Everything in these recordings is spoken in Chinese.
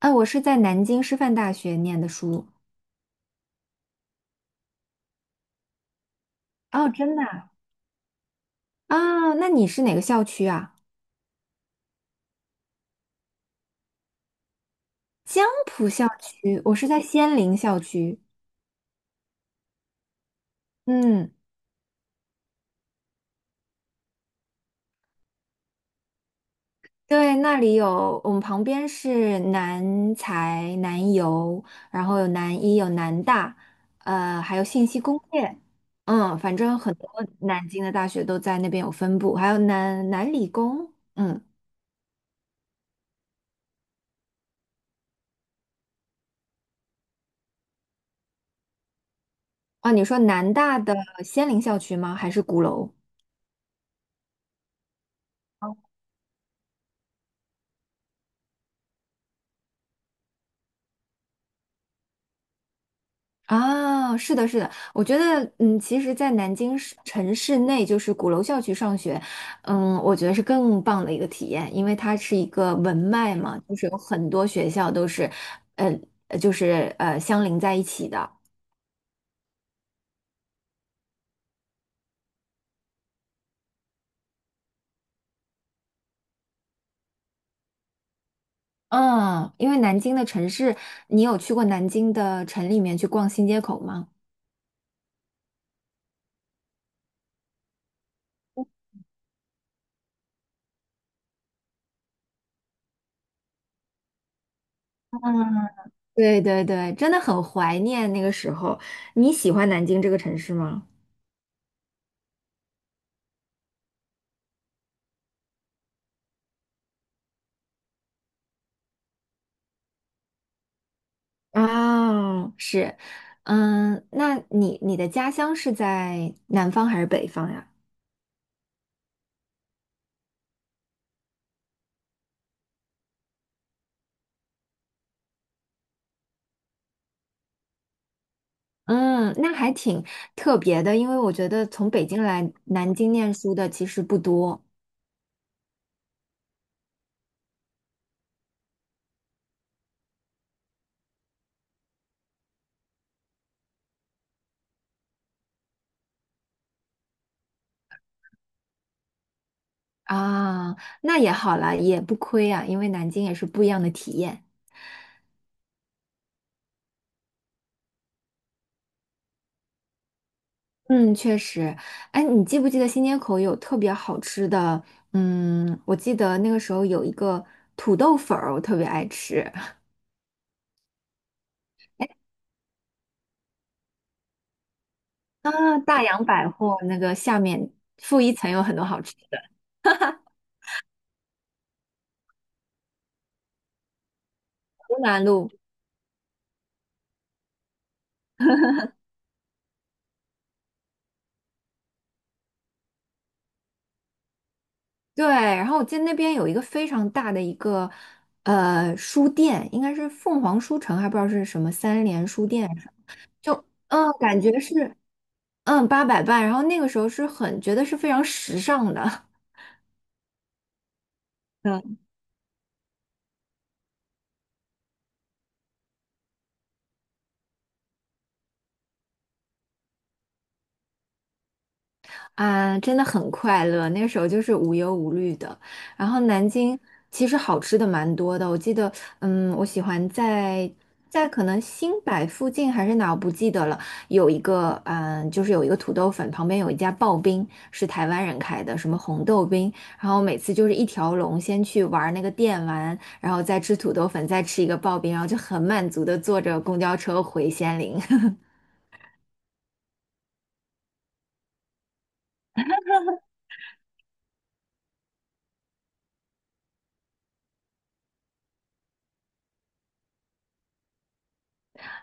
我是在南京师范大学念的书。哦，真的啊？那你是哪个校区啊？江浦校区，我是在仙林校区。嗯，对，那里有我们旁边是南财、南邮，然后有南医、有南大，还有信息工业。嗯，反正很多南京的大学都在那边有分布，还有南理工。嗯，啊，你说南大的仙林校区吗？还是鼓楼？啊，是的，是的，我觉得，嗯，其实，在南京市城市内，就是鼓楼校区上学，嗯，我觉得是更棒的一个体验，因为它是一个文脉嘛，就是有很多学校都是，呃，相邻在一起的。嗯，因为南京的城市，你有去过南京的城里面去逛新街口吗？对对对，真的很怀念那个时候。你喜欢南京这个城市吗？哦，是，嗯，那你的家乡是在南方还是北方呀？嗯，那还挺特别的，因为我觉得从北京来南京念书的其实不多。啊，那也好啦，也不亏啊，因为南京也是不一样的体验。嗯，确实，哎，你记不记得新街口有特别好吃的？嗯，我记得那个时候有一个土豆粉儿，我特别爱吃。啊，大洋百货那个下面负一层有很多好吃。湖南路，对，然后我记得那边有一个非常大的一个书店，应该是凤凰书城，还不知道是什么三联书店什么。感觉是嗯八佰伴，然后那个时候是很觉得是非常时尚的。啊，真的很快乐。那时候就是无忧无虑的。然后南京其实好吃的蛮多的，我记得，嗯，我喜欢在可能新百附近还是哪，我不记得了。有一个，嗯，就是有一个土豆粉，旁边有一家刨冰，是台湾人开的，什么红豆冰。然后每次就是一条龙，先去玩那个电玩，然后再吃土豆粉，再吃一个刨冰，然后就很满足的坐着公交车回仙林。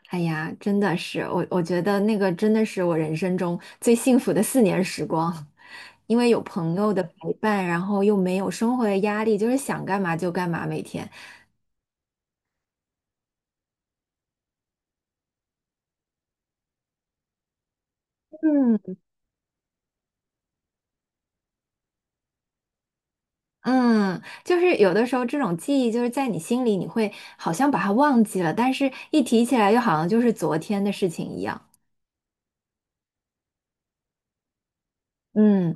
哎呀，真的是我觉得那个真的是我人生中最幸福的四年时光，因为有朋友的陪伴，然后又没有生活的压力，就是想干嘛就干嘛，每天。嗯。嗯，就是有的时候这种记忆就是在你心里，你会好像把它忘记了，但是一提起来又好像就是昨天的事情一样。嗯。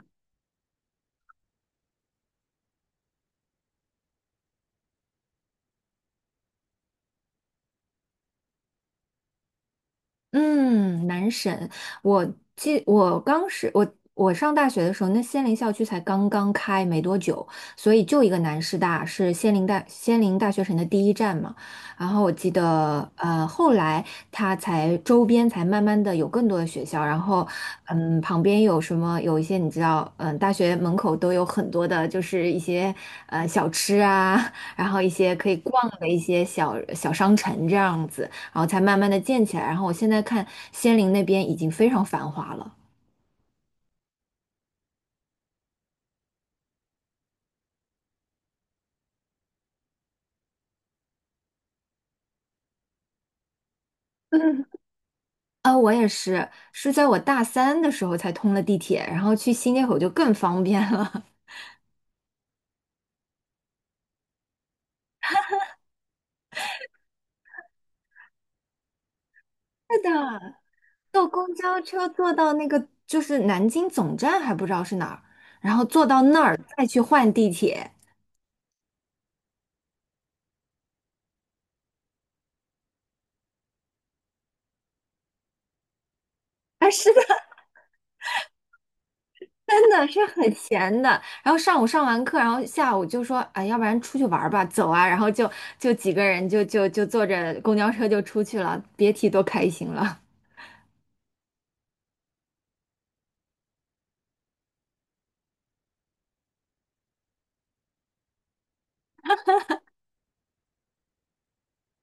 嗯，南审。我记，我刚是，我我上大学的时候，那仙林校区才刚刚开没多久，所以就一个南师大是仙林大学城的第一站嘛。然后我记得，后来周边才慢慢的有更多的学校，然后嗯，旁边有什么有一些你知道，嗯，大学门口都有很多的，就是一些小吃啊，然后一些可以逛的一些小小商城这样子。然后才慢慢的建起来。然后我现在看仙林那边已经非常繁华了。啊，我也是，是在我大三的时候才通了地铁，然后去新街口就更方便了。是的，坐公交车坐到那个就是南京总站还不知道是哪儿，然后坐到那儿再去换地铁。啊，是的，真的是很闲的。然后上午上完课，然后下午就说，哎，要不然出去玩儿吧，走啊。然后几个人就坐着公交车就出去了，别提多开心了。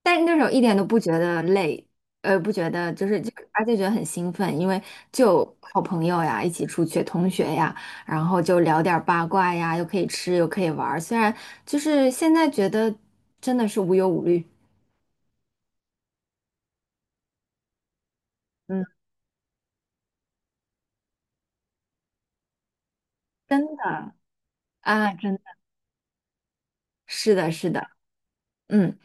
但是那时候一点都不觉得累，呃，不觉得就是就，而且觉得很兴奋，因为就好朋友呀，一起出去，同学呀，然后就聊点儿八卦呀，又可以吃又可以玩儿，虽然就是现在觉得真的是无忧无虑，嗯，真的。啊，真的是的，是的。嗯，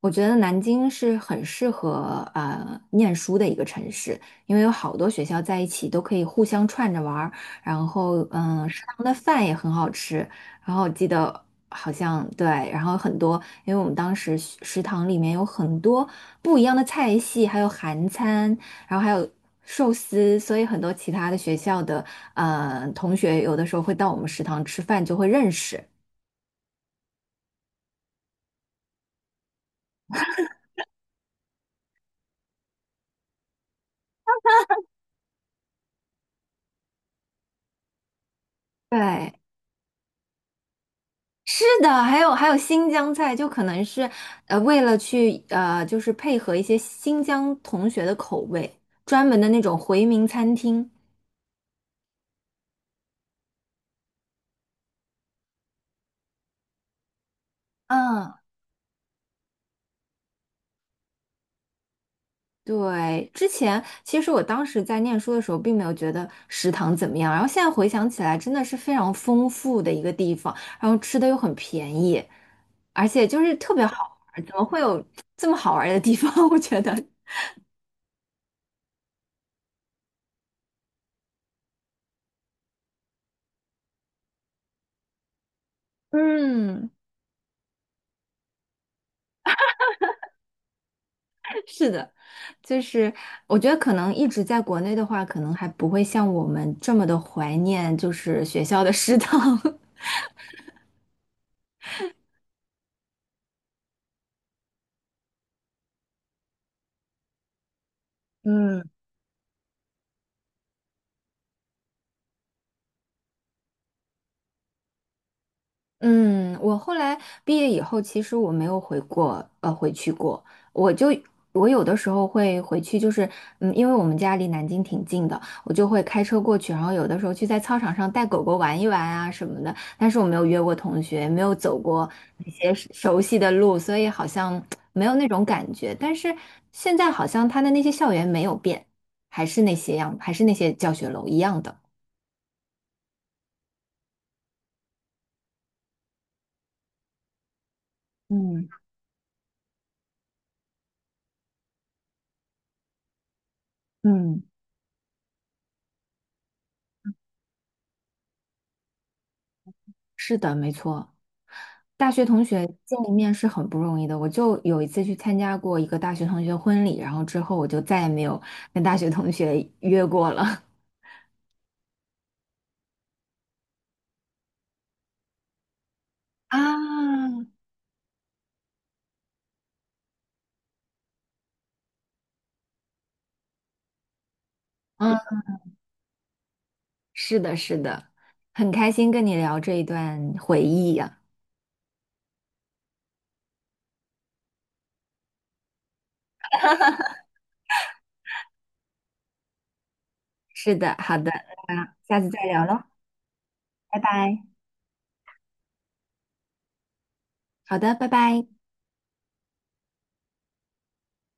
我觉得南京是很适合念书的一个城市，因为有好多学校在一起都可以互相串着玩儿，然后嗯，食堂的饭也很好吃。然后我记得好像对，然后很多，因为我们当时食堂里面有很多不一样的菜系，还有韩餐，然后还有寿司，所以很多其他的学校的同学有的时候会到我们食堂吃饭，就会认识。对，是的，还有还有新疆菜，就可能是为了就是配合一些新疆同学的口味，专门的那种回民餐厅。嗯。对，之前其实我当时在念书的时候，并没有觉得食堂怎么样，然后现在回想起来，真的是非常丰富的一个地方，然后吃的又很便宜，而且就是特别好玩儿。怎么会有这么好玩儿的地方？我觉得。嗯，是的，就是我觉得可能一直在国内的话，可能还不会像我们这么的怀念，就是学校的食堂。嗯。嗯，我后来毕业以后，其实我没有回过，回去过。我就我有的时候会回去，就是嗯，因为我们家离南京挺近的，我就会开车过去，然后有的时候去在操场上带狗狗玩一玩啊什么的。但是我没有约过同学，没有走过那些熟悉的路，所以好像没有那种感觉。但是现在好像他的那些校园没有变，还是那些样，还是那些教学楼一样的。嗯。嗯。是的，没错。大学同学见一面是很不容易的。我就有一次去参加过一个大学同学婚礼，然后之后我就再也没有跟大学同学约过了。啊，嗯，是的，是的，很开心跟你聊这一段回忆呀、是的，好的，那下次再聊喽，拜拜。好的，拜拜。